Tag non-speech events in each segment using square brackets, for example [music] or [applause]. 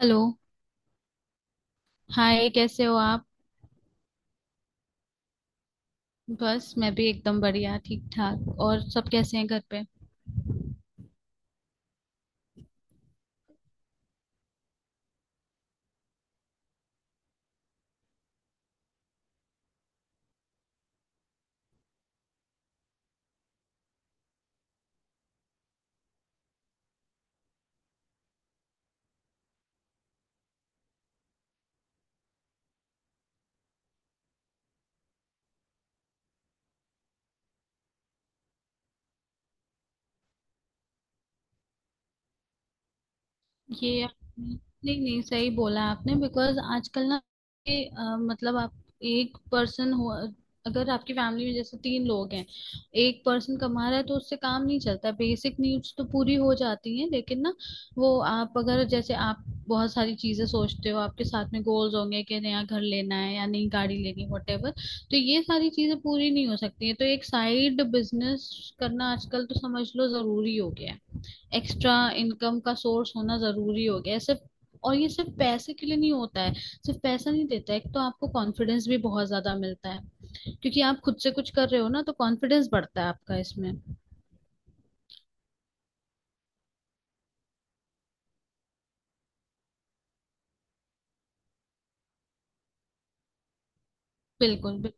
Hello. Hi, कैसे हो आप? बस, मैं भी एकदम बढ़िया ठीक ठाक। और सब कैसे हैं घर पे? ये आपने- नहीं नहीं, सही बोला आपने। बिकॉज आजकल ना, ये, मतलब आप एक पर्सन हो। अगर आपकी फैमिली में जैसे तीन लोग हैं, एक पर्सन कमा रहा है तो उससे काम नहीं चलता। बेसिक नीड्स तो पूरी हो जाती हैं, लेकिन ना, वो आप अगर जैसे आप बहुत सारी चीजें सोचते हो, आपके साथ में गोल्स होंगे कि नया घर लेना है या नई गाड़ी लेनी, वटेवर। तो ये सारी चीजें पूरी नहीं हो सकती है। तो एक साइड बिजनेस करना आजकल तो समझ लो जरूरी हो गया है। एक्स्ट्रा इनकम का सोर्स होना जरूरी हो गया है, सिर्फ। और ये सिर्फ पैसे के लिए नहीं होता है, सिर्फ पैसा नहीं देता है। एक तो आपको कॉन्फिडेंस भी बहुत ज्यादा मिलता है, क्योंकि आप खुद से कुछ कर रहे हो ना। तो कॉन्फिडेंस बढ़ता है आपका इसमें। बिल्कुल बिल्कुल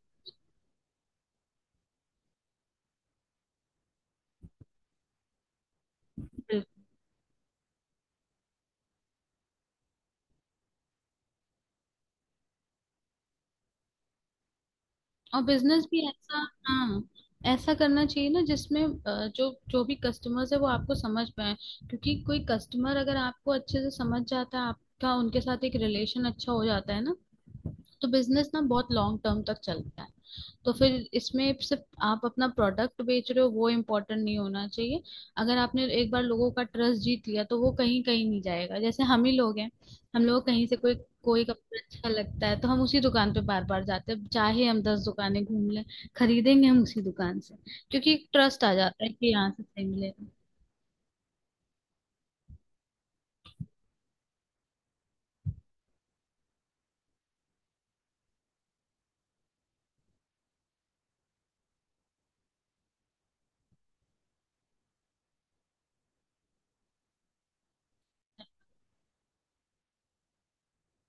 बिल्कुल। और बिजनेस भी ऐसा, हाँ, ऐसा करना चाहिए ना जिसमें जो जो भी कस्टमर्स है वो आपको समझ पाए। क्योंकि कोई कस्टमर अगर आपको अच्छे से समझ जाता है, आपका उनके साथ एक रिलेशन अच्छा हो जाता है ना, तो बिजनेस ना बहुत लॉन्ग टर्म तक चलता है। तो फिर इसमें सिर्फ आप अपना प्रोडक्ट बेच रहे हो, वो इम्पोर्टेंट नहीं होना चाहिए। अगर आपने एक बार लोगों का ट्रस्ट जीत लिया, तो वो कहीं कहीं नहीं जाएगा। जैसे हम ही लोग हैं, हम लोग कहीं से कोई कोई कपड़ा अच्छा लगता है तो हम उसी दुकान पे बार बार जाते हैं, चाहे हम 10 दुकानें घूम लें। खरीदेंगे हम उसी दुकान से, क्योंकि एक ट्रस्ट आ जाता है कि यहाँ से सही मिलेगा।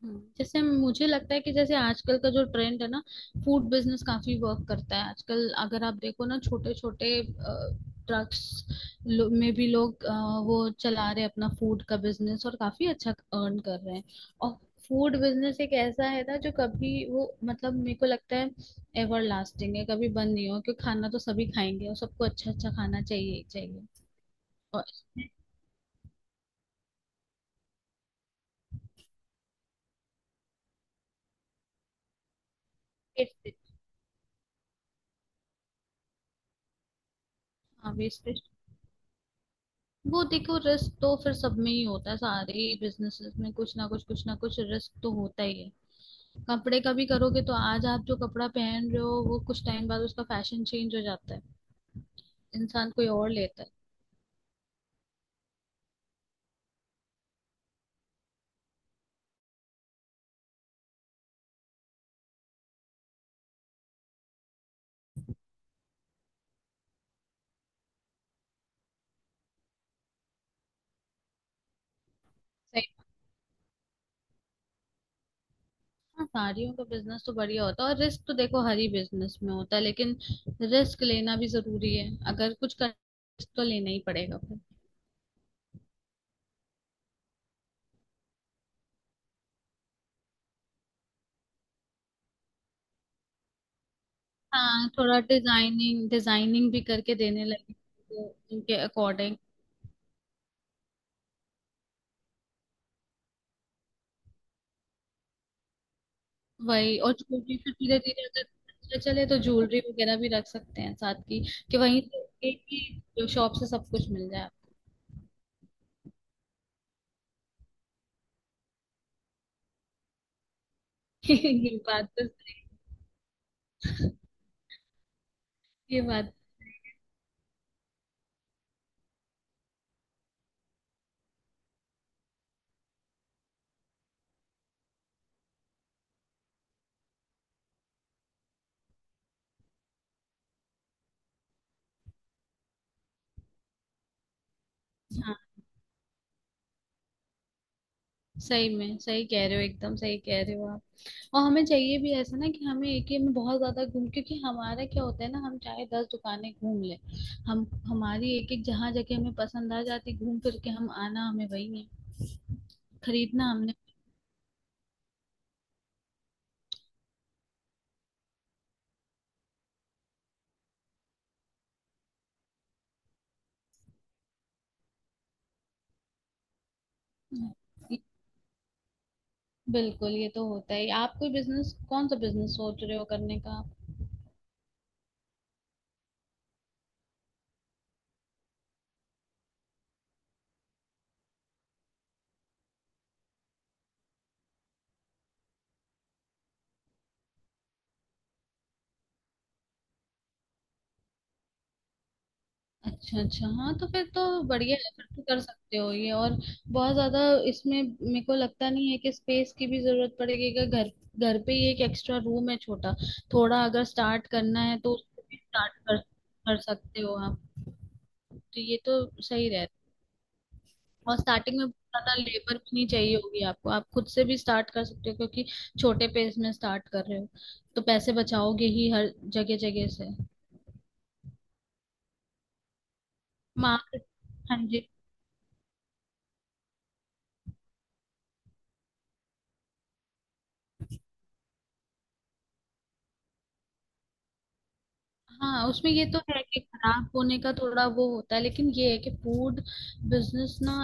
जैसे मुझे लगता है कि जैसे आजकल का जो ट्रेंड है ना, फूड बिजनेस काफी वर्क करता है आजकल। अगर आप देखो ना, छोटे छोटे ट्रक्स में भी लोग वो चला रहे हैं अपना फूड का बिजनेस, और काफी अच्छा अर्न कर रहे हैं। और फूड बिजनेस एक ऐसा है ना जो कभी वो मतलब मेरे को लगता है एवर लास्टिंग है, कभी बंद नहीं हो, क्योंकि खाना तो सभी खाएंगे और सबको अच्छा अच्छा खाना चाहिए ही चाहिए। और इसमें वेस्टेज, हाँ वेस्टेज, वो देखो रिस्क तो फिर सब में ही होता है। सारे बिजनेसेस में कुछ ना कुछ रिस्क तो होता ही है। कपड़े का भी करोगे तो आज आप जो कपड़ा पहन रहे हो वो कुछ टाइम बाद उसका फैशन चेंज हो जाता है, इंसान कोई और लेता है। सही। हाँ, साड़ियों का बिजनेस तो बढ़िया होता है। और रिस्क तो देखो हर ही बिजनेस में होता है, लेकिन रिस्क लेना भी जरूरी है। अगर कुछ कर risk तो लेना ही पड़ेगा फिर। हाँ, थोड़ा डिजाइनिंग डिजाइनिंग भी करके देने लगे तो उनके अकॉर्डिंग। वही, और ज्वेलरी फिर धीरे धीरे अगर अच्छा चले तो ज्वेलरी वगैरह भी रख सकते हैं साथ की, कि वहीं से एक ही शॉप से सब कुछ मिल जाए आपको। [laughs] ये बात हाँ, सही में सही कह रहे हो, एकदम सही कह रहे हो आप। और हमें चाहिए भी ऐसा ना, कि हमें एक ही में बहुत ज्यादा घूम। क्योंकि हमारा क्या होता है ना, हम चाहे 10 दुकानें घूम ले, हम हमारी एक एक जहाँ जगह हमें पसंद आ जाती, घूम फिर के हम आना हमें वही है खरीदना। हमने बिल्कुल, ये तो होता ही। आप कोई बिजनेस, कौन सा बिजनेस सोच रहे हो करने का आप? अच्छा अच्छा, हाँ तो फिर तो बढ़िया है, फिर तो कर सकते हो ये। और बहुत ज्यादा इसमें मेरे को लगता नहीं है कि स्पेस की भी जरूरत पड़ेगी, कि घर घर पे ही एक एक्स्ट्रा रूम है छोटा, थोड़ा अगर स्टार्ट करना है तो उसको भी स्टार्ट कर कर सकते हो आप। तो ये तो सही रहे। और स्टार्टिंग में बहुत ज्यादा लेबर भी नहीं चाहिए होगी आपको, आप खुद से भी स्टार्ट कर सकते हो, क्योंकि छोटे पेज में स्टार्ट कर रहे हो, तो पैसे बचाओगे ही हर जगह जगह से। मार्क। हाँ जी। हाँ, उसमें ये तो है कि खराब होने का थोड़ा वो होता है, लेकिन ये है कि फूड बिजनेस ना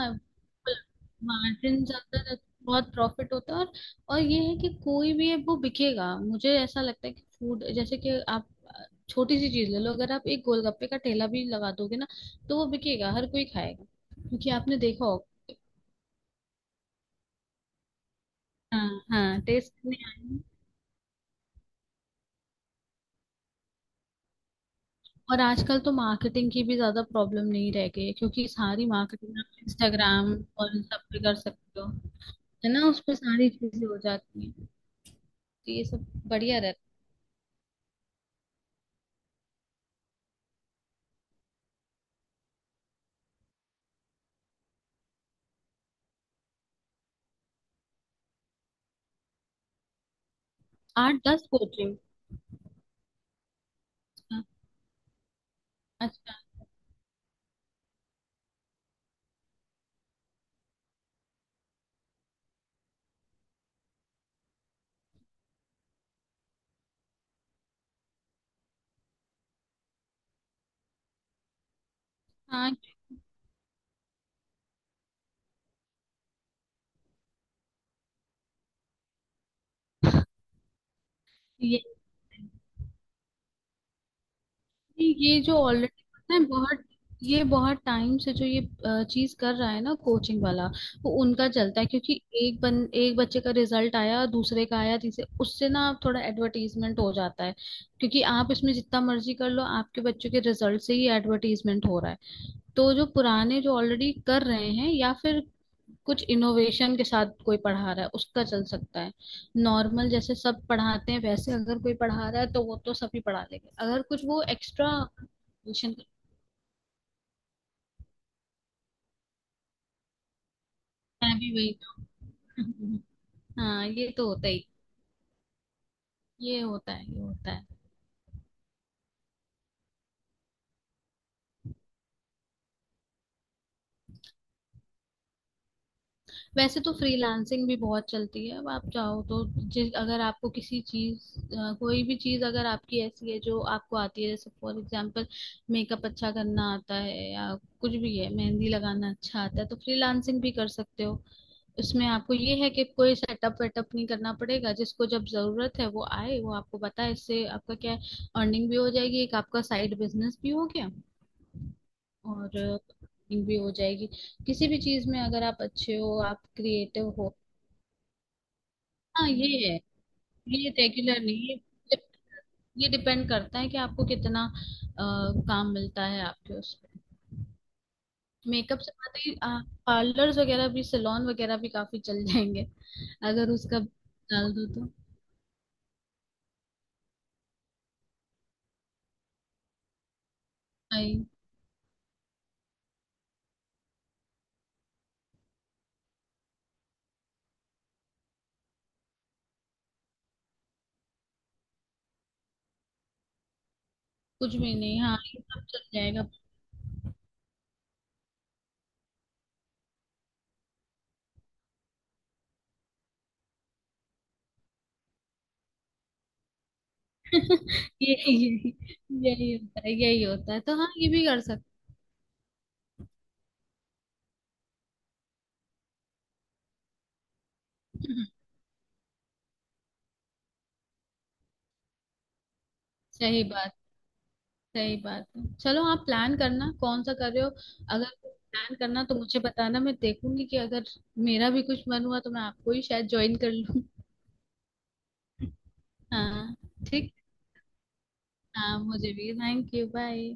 मार्जिन ज्यादा रहता है, बहुत प्रॉफिट होता है। और ये है कि कोई भी है वो बिकेगा। मुझे ऐसा लगता है कि फूड, जैसे कि आप छोटी सी चीज ले लो। अगर आप एक गोलगप्पे का ठेला भी लगा दोगे ना, तो वो बिकेगा, हर कोई खाएगा, क्योंकि आपने देखा होगा। हाँ हाँ, टेस्ट नहीं आया। और आजकल तो मार्केटिंग की भी ज्यादा प्रॉब्लम नहीं रह गई है, क्योंकि सारी मार्केटिंग आप इंस्टाग्राम और इन सब पे कर सकते हो। है ना, उस पे सारी चीजें हो जाती हैं, तो ये सब बढ़िया रहता है। 8-10 कोचिंग। अच्छा, हाँ, ये ये जो ऑलरेडी पता है बहुत। ये बहुत टाइम से जो ये चीज कर रहा है ना कोचिंग वाला, वो उनका चलता है, क्योंकि एक बच्चे का रिजल्ट आया, दूसरे का आया, तीसरे, उससे ना थोड़ा एडवर्टीजमेंट हो जाता है। क्योंकि आप इसमें जितना मर्जी कर लो, आपके बच्चों के रिजल्ट से ही एडवर्टीजमेंट हो रहा है। तो जो पुराने, जो ऑलरेडी कर रहे हैं, या फिर कुछ इनोवेशन के साथ कोई पढ़ा रहा है, उसका चल सकता है। नॉर्मल जैसे सब पढ़ाते हैं वैसे अगर कोई पढ़ा रहा है तो वो तो सभी पढ़ा लेंगे, अगर कुछ वो एक्स्ट्रा ट्यूशन। मैं भी वही। [laughs] हाँ ये तो होता ही। ये होता है, ये होता है। वैसे तो फ्रीलांसिंग भी बहुत चलती है, अब आप चाहो तो। जिस अगर आपको कोई भी चीज अगर आपकी ऐसी है जो आपको आती है, जैसे फॉर एग्जांपल मेकअप अच्छा करना आता है, या कुछ भी है, मेहंदी लगाना अच्छा आता है, तो फ्रीलांसिंग भी कर सकते हो। उसमें आपको ये है कि कोई सेटअप वेटअप नहीं करना पड़ेगा, जिसको जब जरूरत है वो आए, वो आपको बताए, इससे आपका क्या है, अर्निंग भी हो जाएगी। एक आपका साइड बिजनेस भी हो गया और अर्निंग भी हो जाएगी। किसी भी चीज में अगर आप अच्छे हो, आप क्रिएटिव हो। हाँ ये है, ये रेगुलर नहीं, ये डिपेंड करता है कि आपको कितना काम मिलता है आपके उस पे। मेकअप से बात ही। पार्लर्स वगैरह भी सैलून वगैरह भी काफी चल जाएंगे, अगर उसका डाल दो। तो कुछ भी नहीं, हाँ ये सब चल जाएगा। [laughs] यही यही यही होता है, यही होता है, तो हाँ ये भी कर सकते हैं। सही बात, सही बात है। चलो आप प्लान करना कौन सा कर रहे हो? अगर प्लान करना तो मुझे बताना, मैं देखूंगी कि अगर मेरा भी कुछ मन हुआ तो मैं आपको ही शायद ज्वाइन कर लूँ। [laughs] हाँ, ठीक, हाँ, मुझे भी। Thank you, bye.